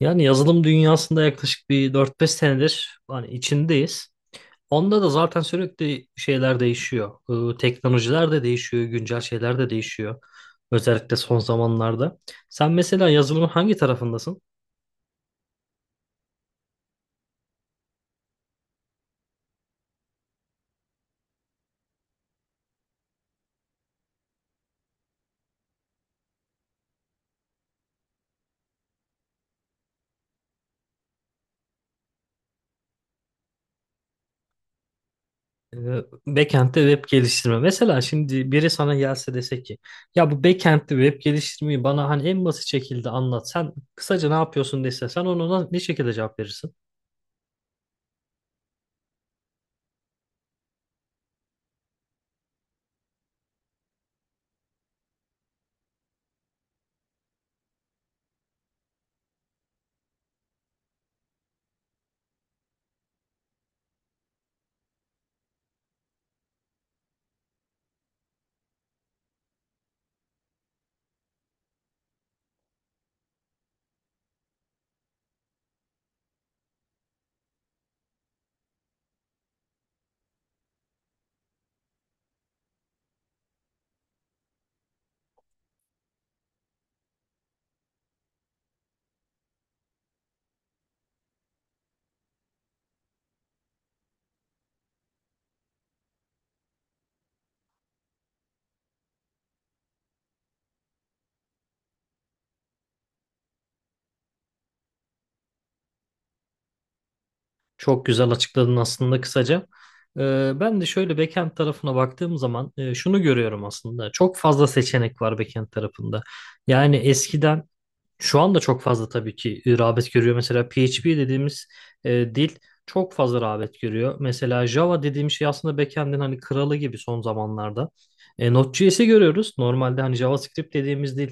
Yani yazılım dünyasında yaklaşık bir dört beş senedir hani içindeyiz. Onda da zaten sürekli şeyler değişiyor. Teknolojiler de değişiyor, güncel şeyler de değişiyor. Özellikle son zamanlarda. Sen mesela yazılımın hangi tarafındasın? Ee, Backend'de web geliştirme. Mesela şimdi biri sana gelse dese ki ya bu backend'de web geliştirmeyi bana hani en basit şekilde anlat. Sen kısaca ne yapıyorsun dese sen ona ne şekilde cevap verirsin? Çok güzel açıkladın aslında kısaca. Ben de şöyle backend tarafına baktığım zaman şunu görüyorum aslında. Çok fazla seçenek var backend tarafında. Yani eskiden şu anda çok fazla tabii ki rağbet görüyor. Mesela PHP dediğimiz dil çok fazla rağbet görüyor. Mesela Java dediğim şey aslında backend'in hani kralı gibi son zamanlarda. Node.js'i görüyoruz. Normalde hani JavaScript dediğimiz dil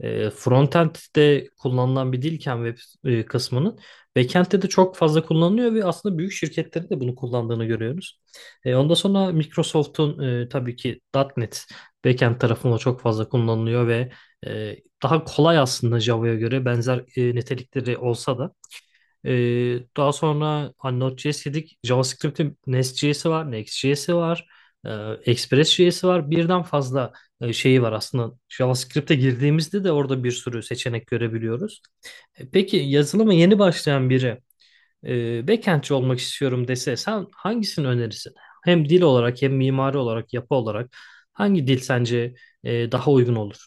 frontend'de kullanılan bir dilken web kısmının backend'de de çok fazla kullanılıyor ve aslında büyük şirketlerin de bunu kullandığını görüyoruz. Ondan sonra Microsoft'un tabii ki .nokta .NET backend tarafında çok fazla kullanılıyor ve e, daha kolay aslında Java'ya göre benzer nitelikleri olsa da. E, Daha sonra hani Node.js dedik. JavaScript'in Nest.js'i var, Next.js'i var, e, Express.js'i var. Birden fazla şeyi var aslında. JavaScript'e girdiğimizde de orada bir sürü seçenek görebiliyoruz. Peki yazılıma yeni başlayan biri backendçi olmak istiyorum dese sen hangisini önerirsin? Hem dil olarak hem mimari olarak, yapı olarak hangi dil sence daha uygun olur?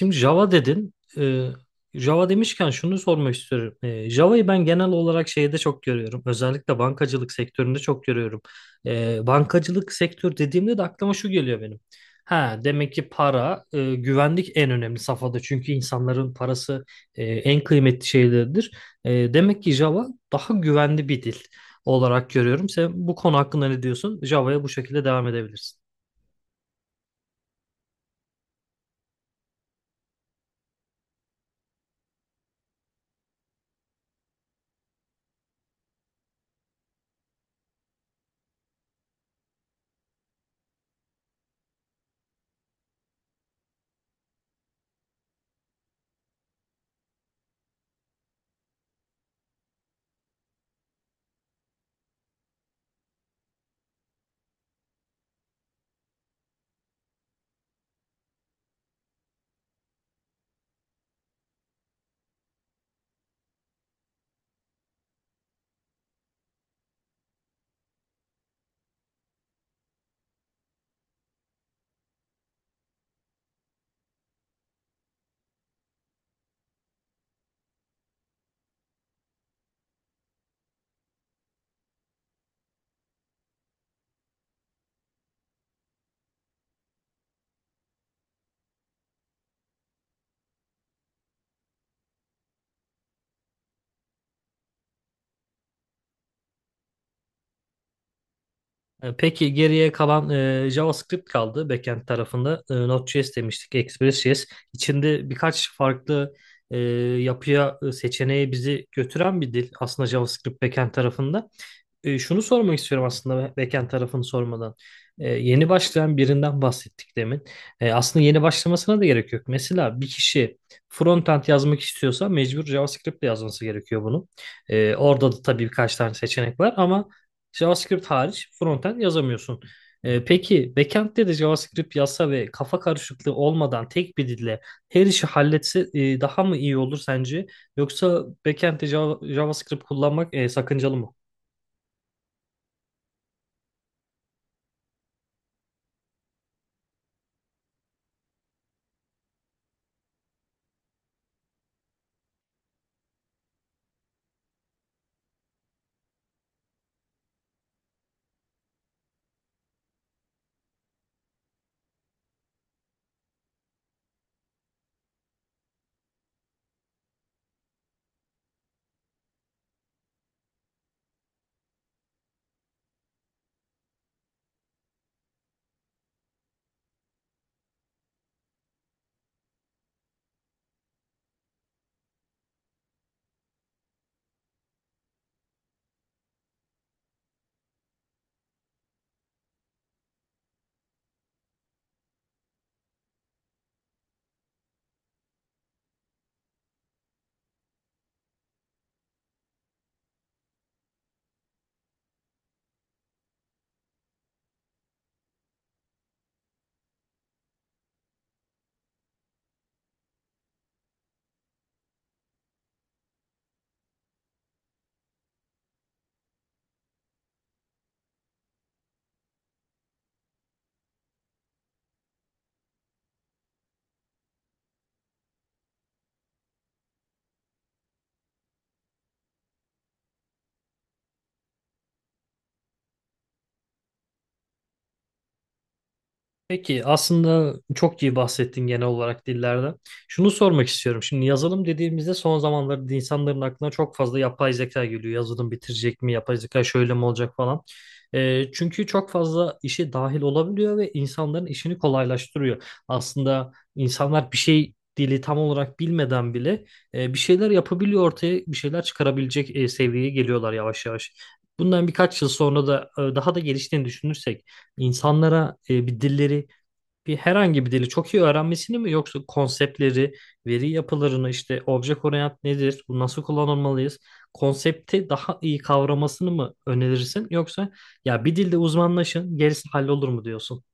Şimdi Java dedin. Java demişken şunu sormak istiyorum. Java'yı ben genel olarak şeyde çok görüyorum. Özellikle bankacılık sektöründe çok görüyorum. Bankacılık sektör dediğimde de aklıma şu geliyor benim. Ha, demek ki para, güvenlik en önemli safhada. Çünkü insanların parası en kıymetli şeylerdir. Demek ki Java daha güvenli bir dil olarak görüyorum. Sen bu konu hakkında ne diyorsun? Java'ya bu şekilde devam edebilirsin. Peki geriye kalan JavaScript kaldı backend tarafında. Node.js demiştik, Express.js. İçinde birkaç farklı e, yapıya, seçeneğe bizi götüren bir dil aslında JavaScript backend tarafında. Şunu sormak istiyorum aslında backend tarafını sormadan. Yeni başlayan birinden bahsettik demin. Aslında yeni başlamasına da gerek yok. Mesela bir kişi frontend yazmak istiyorsa mecbur JavaScript ile yazması gerekiyor bunu. Orada da tabii birkaç tane seçenek var ama JavaScript hariç frontend yazamıyorsun. Peki backend'de de JavaScript yazsa ve kafa karışıklığı olmadan tek bir dille her işi halletse daha mı iyi olur sence? Yoksa backend'de JavaScript kullanmak sakıncalı mı? Peki aslında çok iyi bahsettin genel olarak dillerden. Şunu sormak istiyorum. Şimdi yazılım dediğimizde son zamanlarda insanların aklına çok fazla yapay zeka geliyor. Yazılım bitirecek mi? Yapay zeka şöyle mi olacak falan. Çünkü çok fazla işe dahil olabiliyor ve insanların işini kolaylaştırıyor. Aslında insanlar bir şey dili tam olarak bilmeden bile bir şeyler yapabiliyor ortaya bir şeyler çıkarabilecek seviyeye geliyorlar yavaş yavaş. Bundan birkaç yıl sonra da daha da geliştiğini düşünürsek insanlara bir dilleri bir herhangi bir dili çok iyi öğrenmesini mi yoksa konseptleri, veri yapılarını işte obje orient nedir, bu nasıl kullanılmalıyız, konsepti daha iyi kavramasını mı önerirsin yoksa ya bir dilde uzmanlaşın gerisi hallolur mu diyorsun?